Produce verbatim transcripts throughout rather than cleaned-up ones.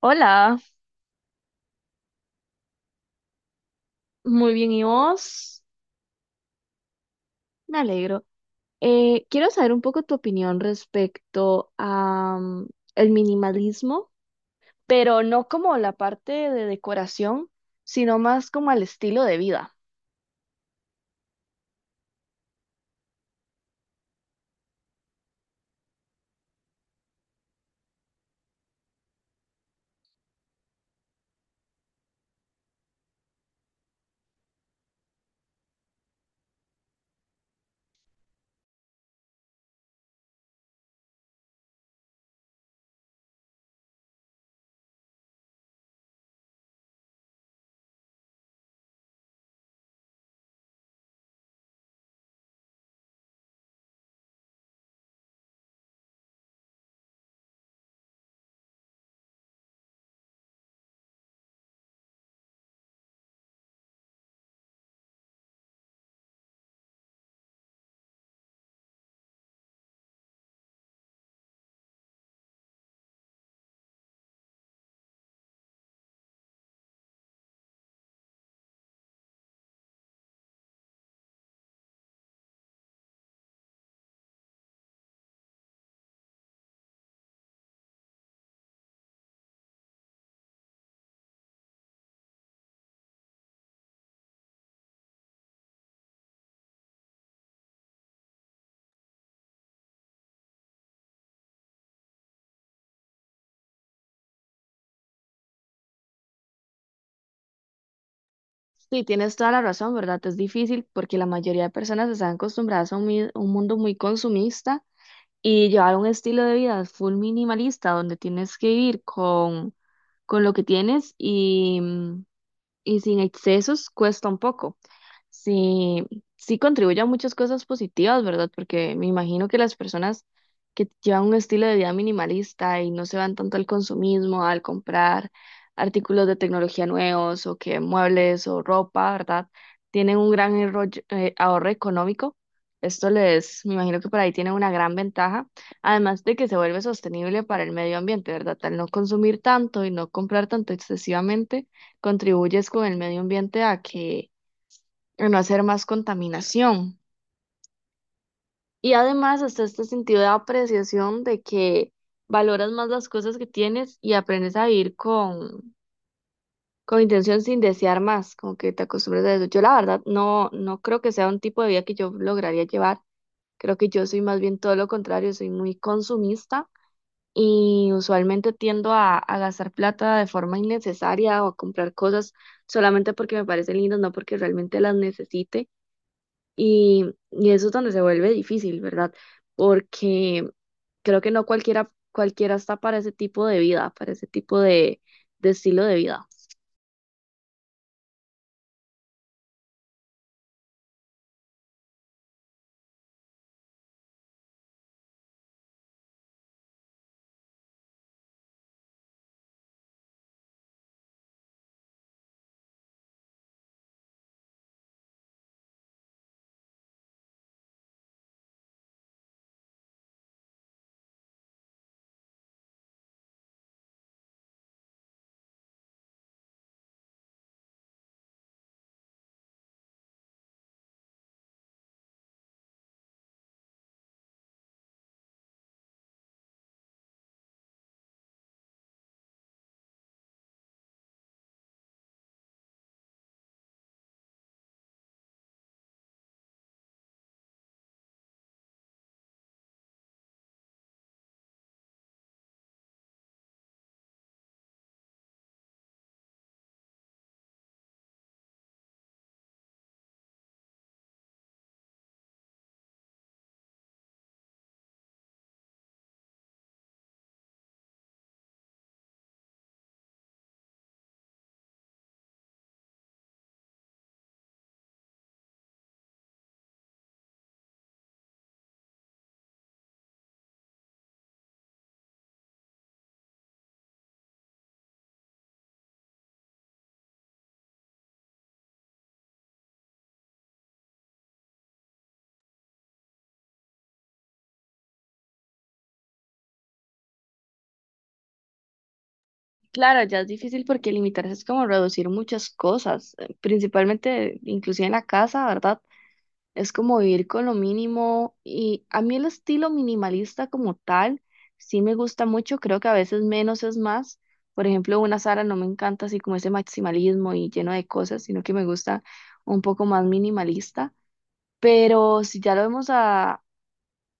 Hola, muy bien, ¿y vos? Me alegro. Eh, quiero saber un poco tu opinión respecto a mm, el minimalismo, pero no como la parte de decoración, sino más como el estilo de vida. Sí, tienes toda la razón, ¿verdad? Es difícil porque la mayoría de personas están acostumbradas a un, mi- un mundo muy consumista y llevar un estilo de vida full minimalista donde tienes que vivir con, con lo que tienes y sin excesos cuesta un poco. Sí, sí contribuye a muchas cosas positivas, ¿verdad? Porque me imagino que las personas que llevan un estilo de vida minimalista y no se van tanto al consumismo, al comprar artículos de tecnología nuevos o que muebles o ropa, ¿verdad? Tienen un gran erro- eh, ahorro económico. Esto les, me imagino que por ahí tienen una gran ventaja, además de que se vuelve sostenible para el medio ambiente, ¿verdad? Al no consumir tanto y no comprar tanto excesivamente contribuyes con el medio ambiente a que a no hacer más contaminación. Y además hasta este sentido de apreciación de que valoras más las cosas que tienes y aprendes a vivir con, con intención sin desear más, como que te acostumbras a eso. Yo la verdad no, no creo que sea un tipo de vida que yo lograría llevar. Creo que yo soy más bien todo lo contrario, soy muy consumista y usualmente tiendo a, a gastar plata de forma innecesaria o a comprar cosas solamente porque me parecen lindas, no porque realmente las necesite. Y, y eso es donde se vuelve difícil, ¿verdad? Porque creo que no cualquiera, cualquiera está para ese tipo de vida, para ese tipo de, de estilo de vida. Claro, ya es difícil porque limitarse es como reducir muchas cosas, eh, principalmente inclusive en la casa, ¿verdad? Es como vivir con lo mínimo y a mí el estilo minimalista como tal sí me gusta mucho, creo que a veces menos es más. Por ejemplo, una Sara no me encanta así como ese maximalismo y lleno de cosas, sino que me gusta un poco más minimalista. Pero si ya lo vemos a,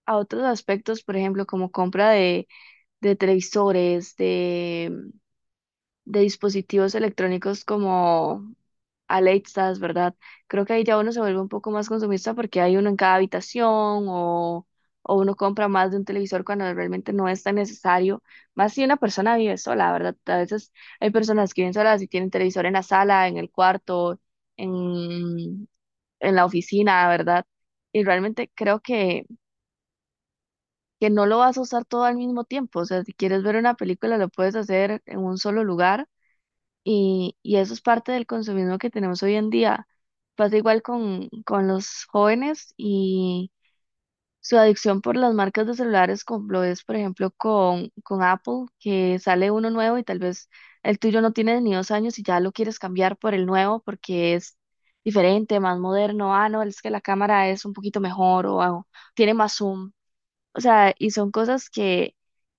a otros aspectos, por ejemplo, como compra de, de televisores, de dispositivos electrónicos como Alexas, ¿verdad? Creo que ahí ya uno se vuelve un poco más consumista porque hay uno en cada habitación o, o uno compra más de un televisor cuando realmente no es tan necesario. Más si una persona vive sola, ¿verdad? A veces hay personas que viven solas y tienen televisor en la sala, en el cuarto, en, en la oficina, ¿verdad? Y realmente creo que, que no lo vas a usar todo al mismo tiempo. O sea, si quieres ver una película, lo puedes hacer en un solo lugar y, y eso es parte del consumismo que tenemos hoy en día. Pasa igual con, con los jóvenes y su adicción por las marcas de celulares, como lo es, por ejemplo, con, con Apple, que sale uno nuevo y tal vez el tuyo no tiene ni dos años y ya lo quieres cambiar por el nuevo porque es diferente, más moderno. Ah, no, es que la cámara es un poquito mejor o, o tiene más zoom. O sea, y son cosas que,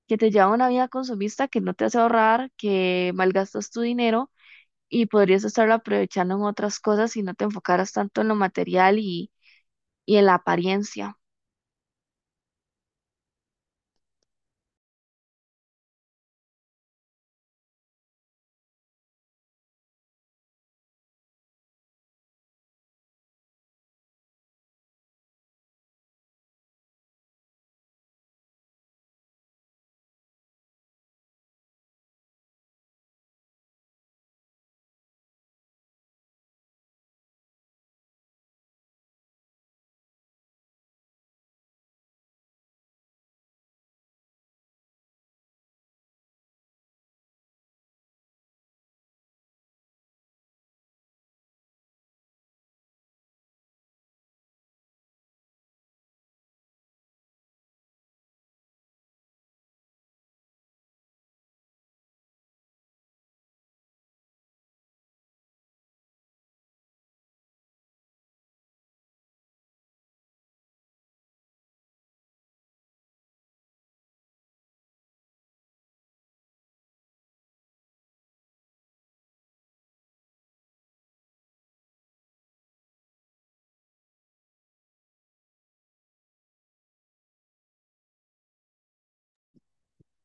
que te llevan a una vida consumista que no te hace ahorrar, que malgastas tu dinero y podrías estarlo aprovechando en otras cosas si no te enfocaras tanto en lo material y, y en la apariencia.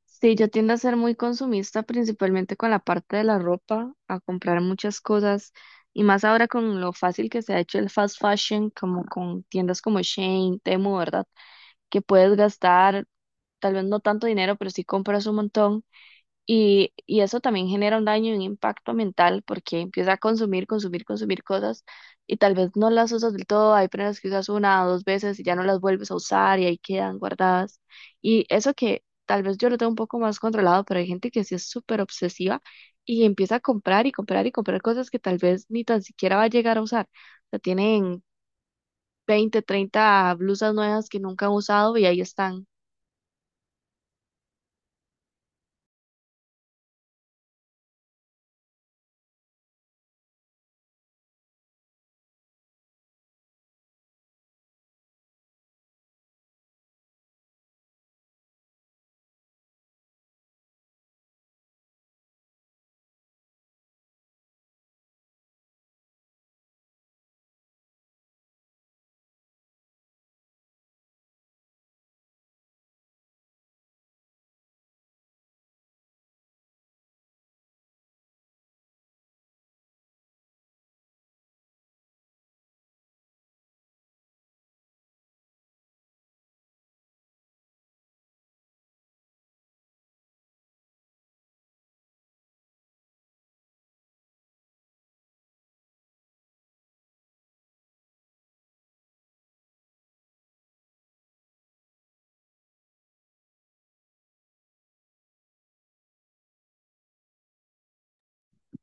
Sí, yo tiendo a ser muy consumista, principalmente con la parte de la ropa, a comprar muchas cosas y más ahora con lo fácil que se ha hecho el fast fashion, como con tiendas como Shein, Temu, ¿verdad? Que puedes gastar tal vez no tanto dinero, pero sí compras un montón. Y, y eso también genera un daño y un impacto mental porque empieza a consumir, consumir, consumir cosas y tal vez no las usas del todo. Hay prendas que usas una o dos veces y ya no las vuelves a usar y ahí quedan guardadas. Y eso que tal vez yo lo tengo un poco más controlado, pero hay gente que sí es súper obsesiva y empieza a comprar y comprar y comprar cosas que tal vez ni tan siquiera va a llegar a usar. O sea, tienen veinte treinta blusas nuevas que nunca han usado y ahí están.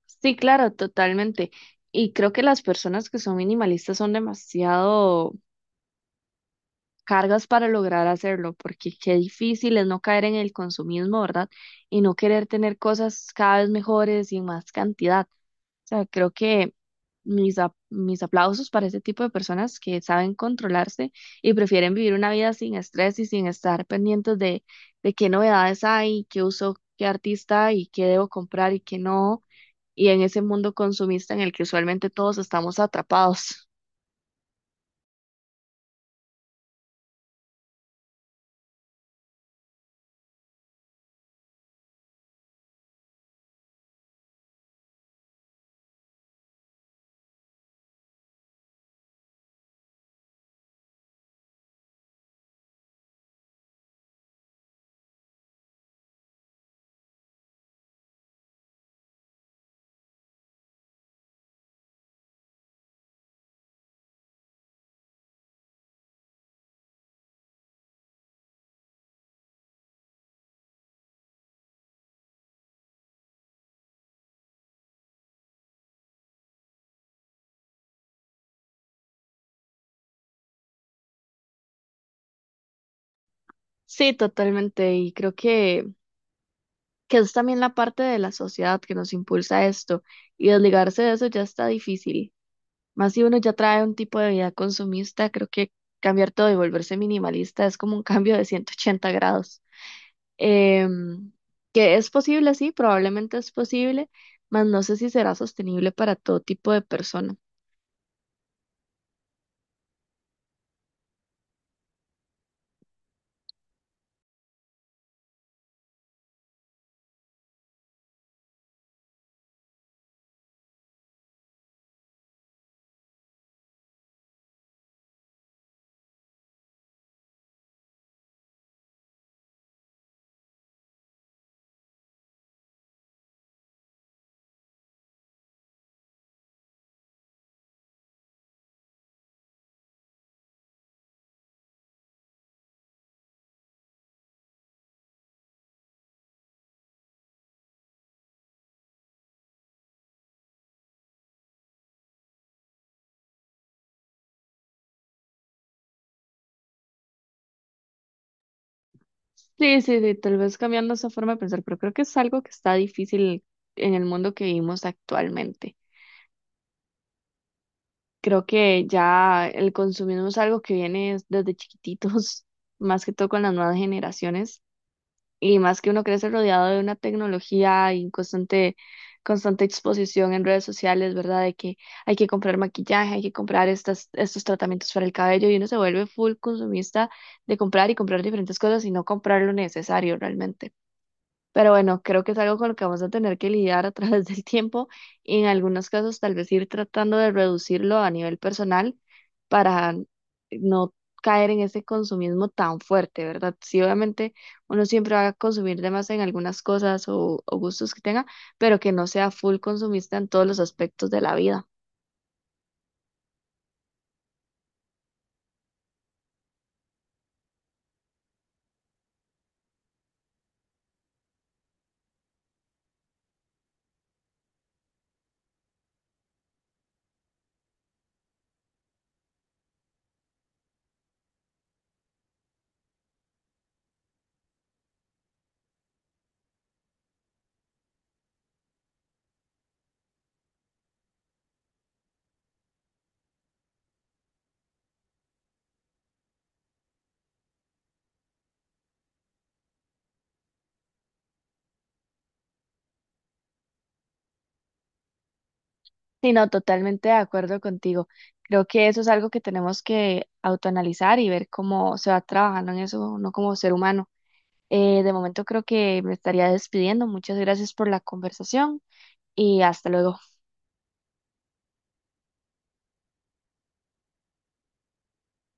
Sí, claro, totalmente. Y creo que las personas que son minimalistas son demasiado cargas para lograr hacerlo, porque qué difícil es no caer en el consumismo, ¿verdad? Y no querer tener cosas cada vez mejores y en más cantidad. O sea, creo que mis, ap- mis aplausos para ese tipo de personas que saben controlarse y prefieren vivir una vida sin estrés y sin estar pendientes de, de qué novedades hay, qué uso, qué artista y qué debo comprar y qué no y en ese mundo consumista en el que usualmente todos estamos atrapados. Sí, totalmente. Y creo que, que es también la parte de la sociedad que nos impulsa a esto. Y desligarse de eso ya está difícil. Más si uno ya trae un tipo de vida consumista, creo que cambiar todo y volverse minimalista es como un cambio de ciento ochenta grados. Em, que es posible, sí, probablemente es posible, mas no sé si será sostenible para todo tipo de persona. Sí, sí, sí, tal vez cambiando esa forma de pensar, pero creo que es algo que está difícil en el mundo que vivimos actualmente. Creo que ya el consumismo es algo que viene desde chiquititos, más que todo con las nuevas generaciones, y más que uno crece rodeado de una tecnología y constante, constante exposición en redes sociales, ¿verdad? De que hay que comprar maquillaje, hay que comprar estas, estos tratamientos para el cabello, y uno se vuelve full consumista de comprar y comprar diferentes cosas y no comprar lo necesario realmente. Pero bueno, creo que es algo con lo que vamos a tener que lidiar a través del tiempo y en algunos casos tal vez ir tratando de reducirlo a nivel personal para no caer en ese consumismo tan fuerte, ¿verdad? Sí, obviamente uno siempre va a consumir de más en algunas cosas o, o gustos que tenga, pero que no sea full consumista en todos los aspectos de la vida. Sí, no, totalmente de acuerdo contigo. Creo que eso es algo que tenemos que autoanalizar y ver cómo se va trabajando en eso, no como ser humano. Eh, de momento creo que me estaría despidiendo. Muchas gracias por la conversación y hasta luego.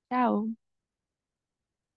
Chao.